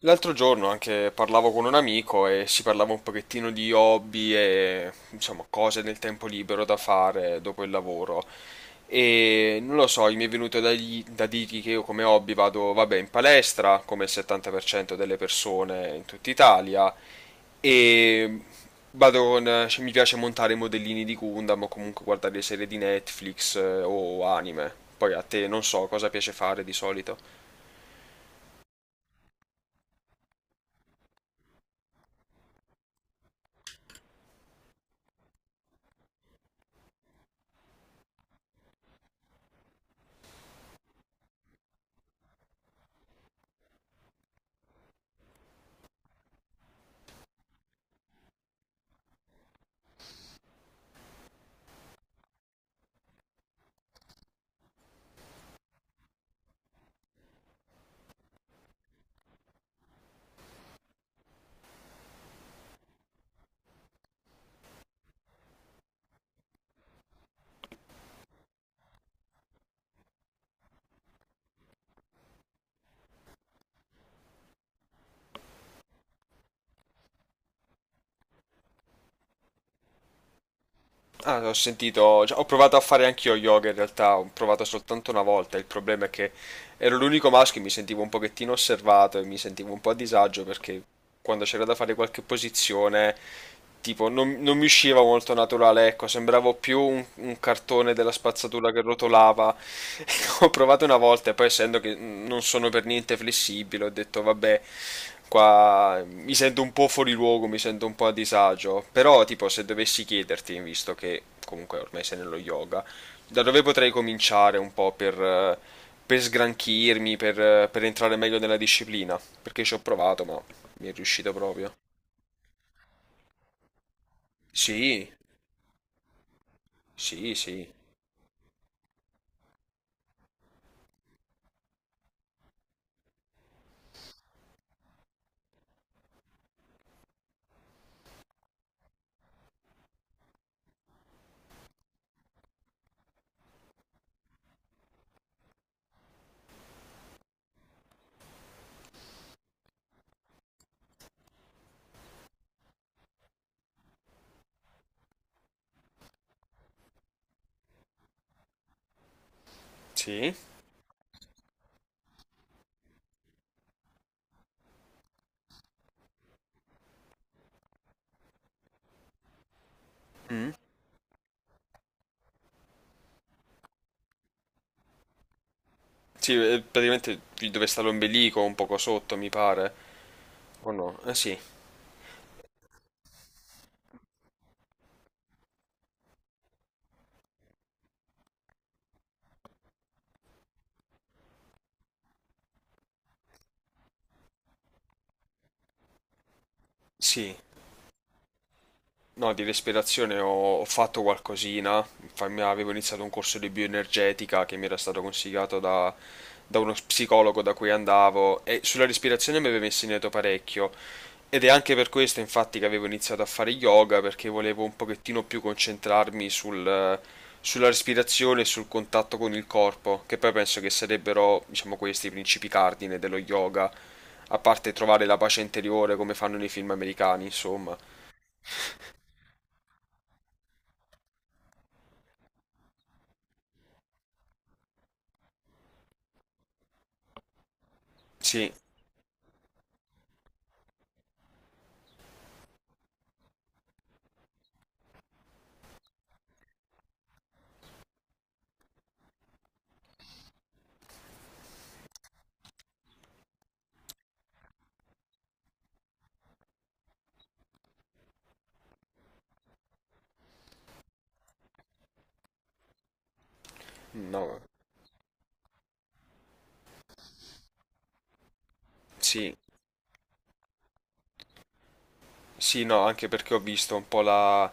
L'altro giorno anche parlavo con un amico e si parlava un pochettino di hobby e insomma cose nel tempo libero da fare dopo il lavoro. E non lo so, mi è venuto da, da dirgli che io come hobby vado, vabbè, in palestra, come il 70% delle persone in tutta Italia, e vado con, cioè, mi piace montare i modellini di Gundam o comunque guardare le serie di Netflix o anime. Poi a te non so cosa piace fare di solito. Ah, ho sentito, cioè, ho provato a fare anch'io yoga in realtà, ho provato soltanto una volta, il problema è che ero l'unico maschio e mi sentivo un pochettino osservato e mi sentivo un po' a disagio perché quando c'era da fare qualche posizione, tipo, non mi usciva molto naturale, ecco, sembravo più un cartone della spazzatura che rotolava. Ho provato una volta e poi essendo che non sono per niente flessibile, ho detto vabbè, qua mi sento un po' fuori luogo, mi sento un po' a disagio, però tipo se dovessi chiederti, visto che comunque ormai sei nello yoga, da dove potrei cominciare un po' per sgranchirmi, per entrare meglio nella disciplina? Perché ci ho provato, ma mi è riuscito proprio. Sì, sì, sì. Sì? Mm. Sì, praticamente dove sta l'ombelico, un poco sotto, mi pare. O no? Eh sì, sì. No, di respirazione ho fatto qualcosina. Infatti, avevo iniziato un corso di bioenergetica che mi era stato consigliato da uno psicologo da cui andavo e sulla respirazione mi aveva insegnato parecchio ed è anche per questo infatti che avevo iniziato a fare yoga perché volevo un pochettino più concentrarmi sulla respirazione e sul contatto con il corpo, che poi penso che sarebbero, diciamo, questi i principi cardine dello yoga, a parte trovare la pace interiore come fanno nei film americani, insomma. Sì, no, sì, sì, no, anche perché ho visto un po'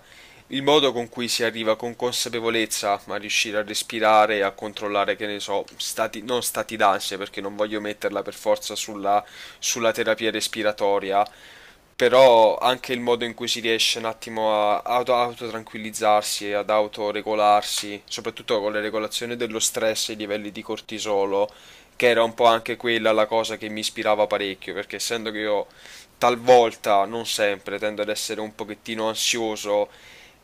il modo con cui si arriva con consapevolezza a riuscire a respirare e a controllare, che ne so, stati, non stati d'ansia, perché non voglio metterla per forza sulla terapia respiratoria, però anche il modo in cui si riesce un attimo a autotranquillizzarsi e ad autoregolarsi, soprattutto con le regolazioni dello stress e i livelli di cortisolo, che era un po' anche quella la cosa che mi ispirava parecchio, perché essendo che io talvolta, non sempre, tendo ad essere un pochettino ansioso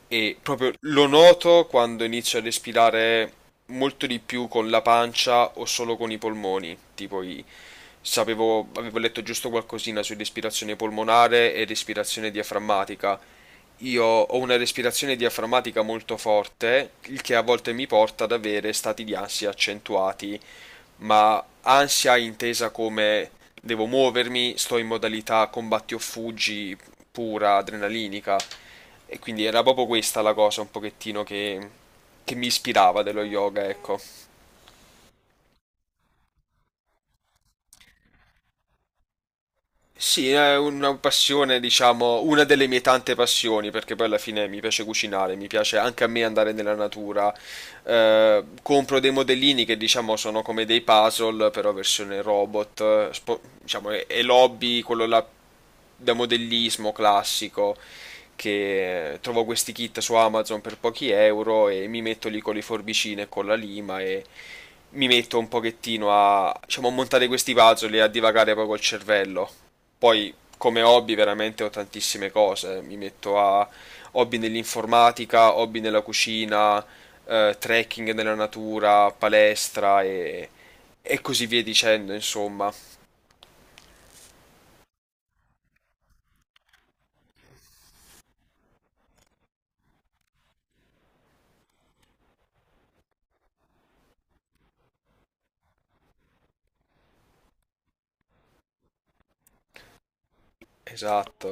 e proprio lo noto quando inizio a respirare molto di più con la pancia o solo con i polmoni, Sapevo, avevo letto giusto qualcosina su respirazione polmonare e respirazione diaframmatica. Io ho una respirazione diaframmatica molto forte, il che a volte mi porta ad avere stati di ansia accentuati, ma ansia intesa come devo muovermi, sto in modalità combatti o fuggi pura, adrenalinica. E quindi era proprio questa la cosa un pochettino che mi ispirava dello yoga, ecco. Sì, è una passione, diciamo, una delle mie tante passioni, perché poi alla fine mi piace cucinare, mi piace anche a me andare nella natura. Compro dei modellini che, diciamo, sono come dei puzzle, però versione robot, diciamo, è l'hobby, quello là da modellismo classico, che trovo questi kit su Amazon per pochi euro e mi metto lì con le forbicine e con la lima e mi metto un pochettino a, diciamo, a montare questi puzzle e a divagare poi col cervello. Poi come hobby veramente ho tantissime cose, mi metto a hobby nell'informatica, hobby nella cucina, trekking nella natura, palestra e così via dicendo, insomma. Esatto.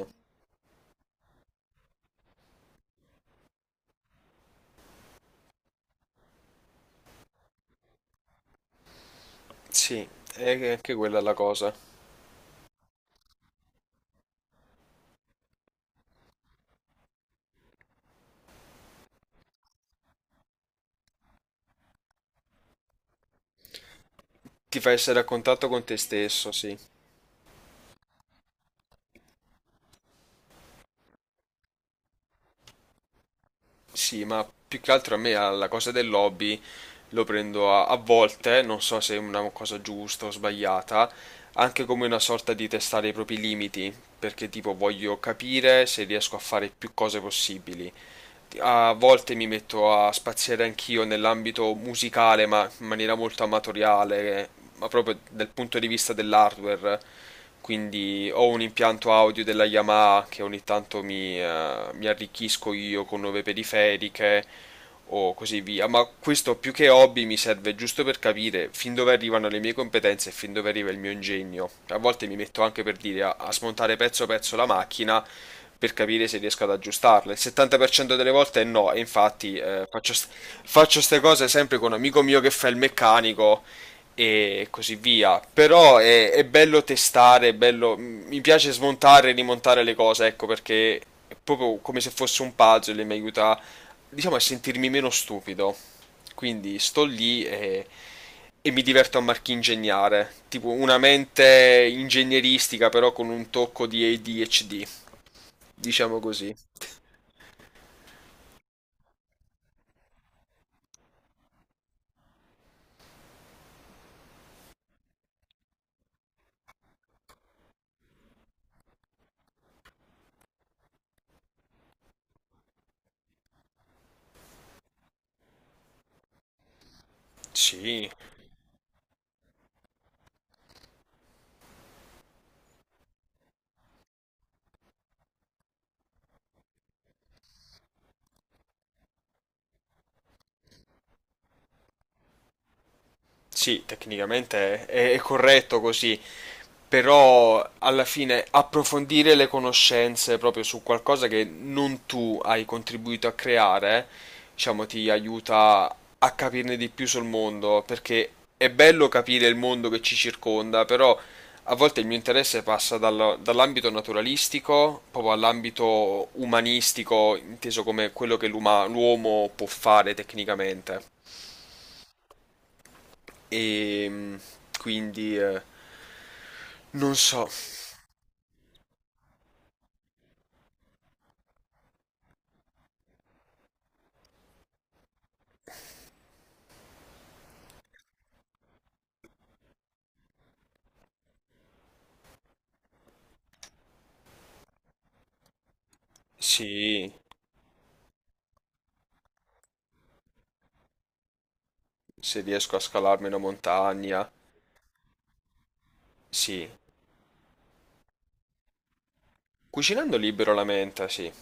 Sì, è anche quella la cosa. Ti fa essere a contatto con te stesso, sì. Sì, ma più che altro a me alla cosa del lobby lo prendo a volte, non so se è una cosa giusta o sbagliata, anche come una sorta di testare i propri limiti, perché tipo voglio capire se riesco a fare più cose possibili a volte mi metto a spaziare anch'io nell'ambito musicale, ma in maniera molto amatoriale, ma proprio dal punto di vista dell'hardware. Quindi ho un impianto audio della Yamaha che ogni tanto mi arricchisco io con nuove periferiche, o così via, ma questo più che hobby mi serve giusto per capire fin dove arrivano le mie competenze e fin dove arriva il mio ingegno. A volte mi metto anche per dire a smontare pezzo pezzo la macchina per capire se riesco ad aggiustarla. Il 70% delle volte è no, e infatti faccio ste cose sempre con un amico mio che fa il meccanico e così via. Però è bello testare, è bello, mi piace smontare e rimontare le cose, ecco perché è proprio come se fosse un puzzle e mi aiuta diciamo, a sentirmi meno stupido. Quindi sto lì e mi diverto a marchingegnare. Tipo una mente ingegneristica, però con un tocco di ADHD. Diciamo così. Sì, sì, tecnicamente è corretto così, però alla fine approfondire le conoscenze proprio su qualcosa che non tu hai contribuito a creare, diciamo, ti aiuta a capirne di più sul mondo, perché è bello capire il mondo che ci circonda, però a volte il mio interesse passa dall'ambito naturalistico proprio all'ambito umanistico, inteso come quello che l'uomo può fare tecnicamente. E quindi non so. Sì, se riesco a scalarmi una montagna. Sì. Cucinando libero la menta, sì.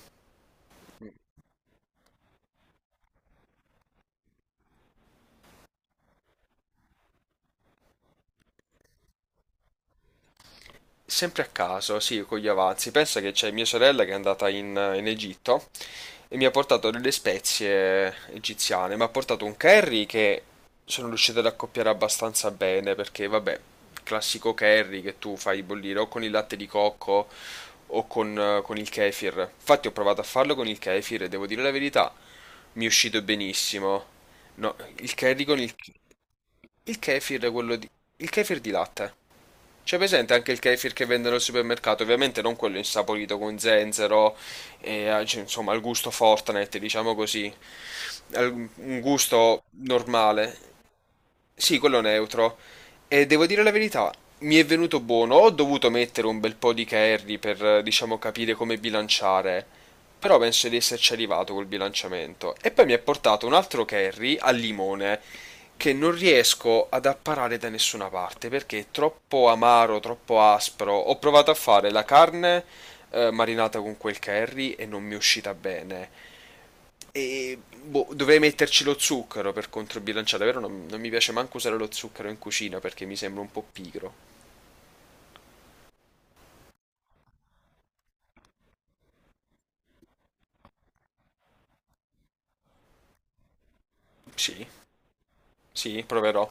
Sempre a caso, sì, con gli avanzi. Pensa che c'è mia sorella che è andata in Egitto e mi ha portato delle spezie egiziane. Mi ha portato un curry che sono riuscito ad accoppiare abbastanza bene perché, vabbè, classico curry che tu fai bollire o con il latte di cocco o con il kefir. Infatti ho provato a farlo con il kefir e devo dire la verità, mi è uscito benissimo. No, il curry con il... Il kefir, è quello di... Il kefir di latte. C'è presente anche il kefir che vendono al supermercato, ovviamente non quello insaporito con zenzero, e, ah, cioè, insomma, al gusto Fortnite, diciamo così, un gusto normale. Sì, quello neutro. E devo dire la verità, mi è venuto buono. Ho dovuto mettere un bel po' di curry per, diciamo, capire come bilanciare. Però penso di esserci arrivato col bilanciamento. E poi mi ha portato un altro curry al limone che non riesco ad apparare da nessuna parte perché è troppo amaro, troppo aspro. Ho provato a fare la carne marinata con quel curry e non mi è uscita bene. E boh, dovrei metterci lo zucchero per controbilanciare, però non mi piace manco usare lo zucchero in cucina perché mi sembra un po' pigro. Sì, sì, proverò.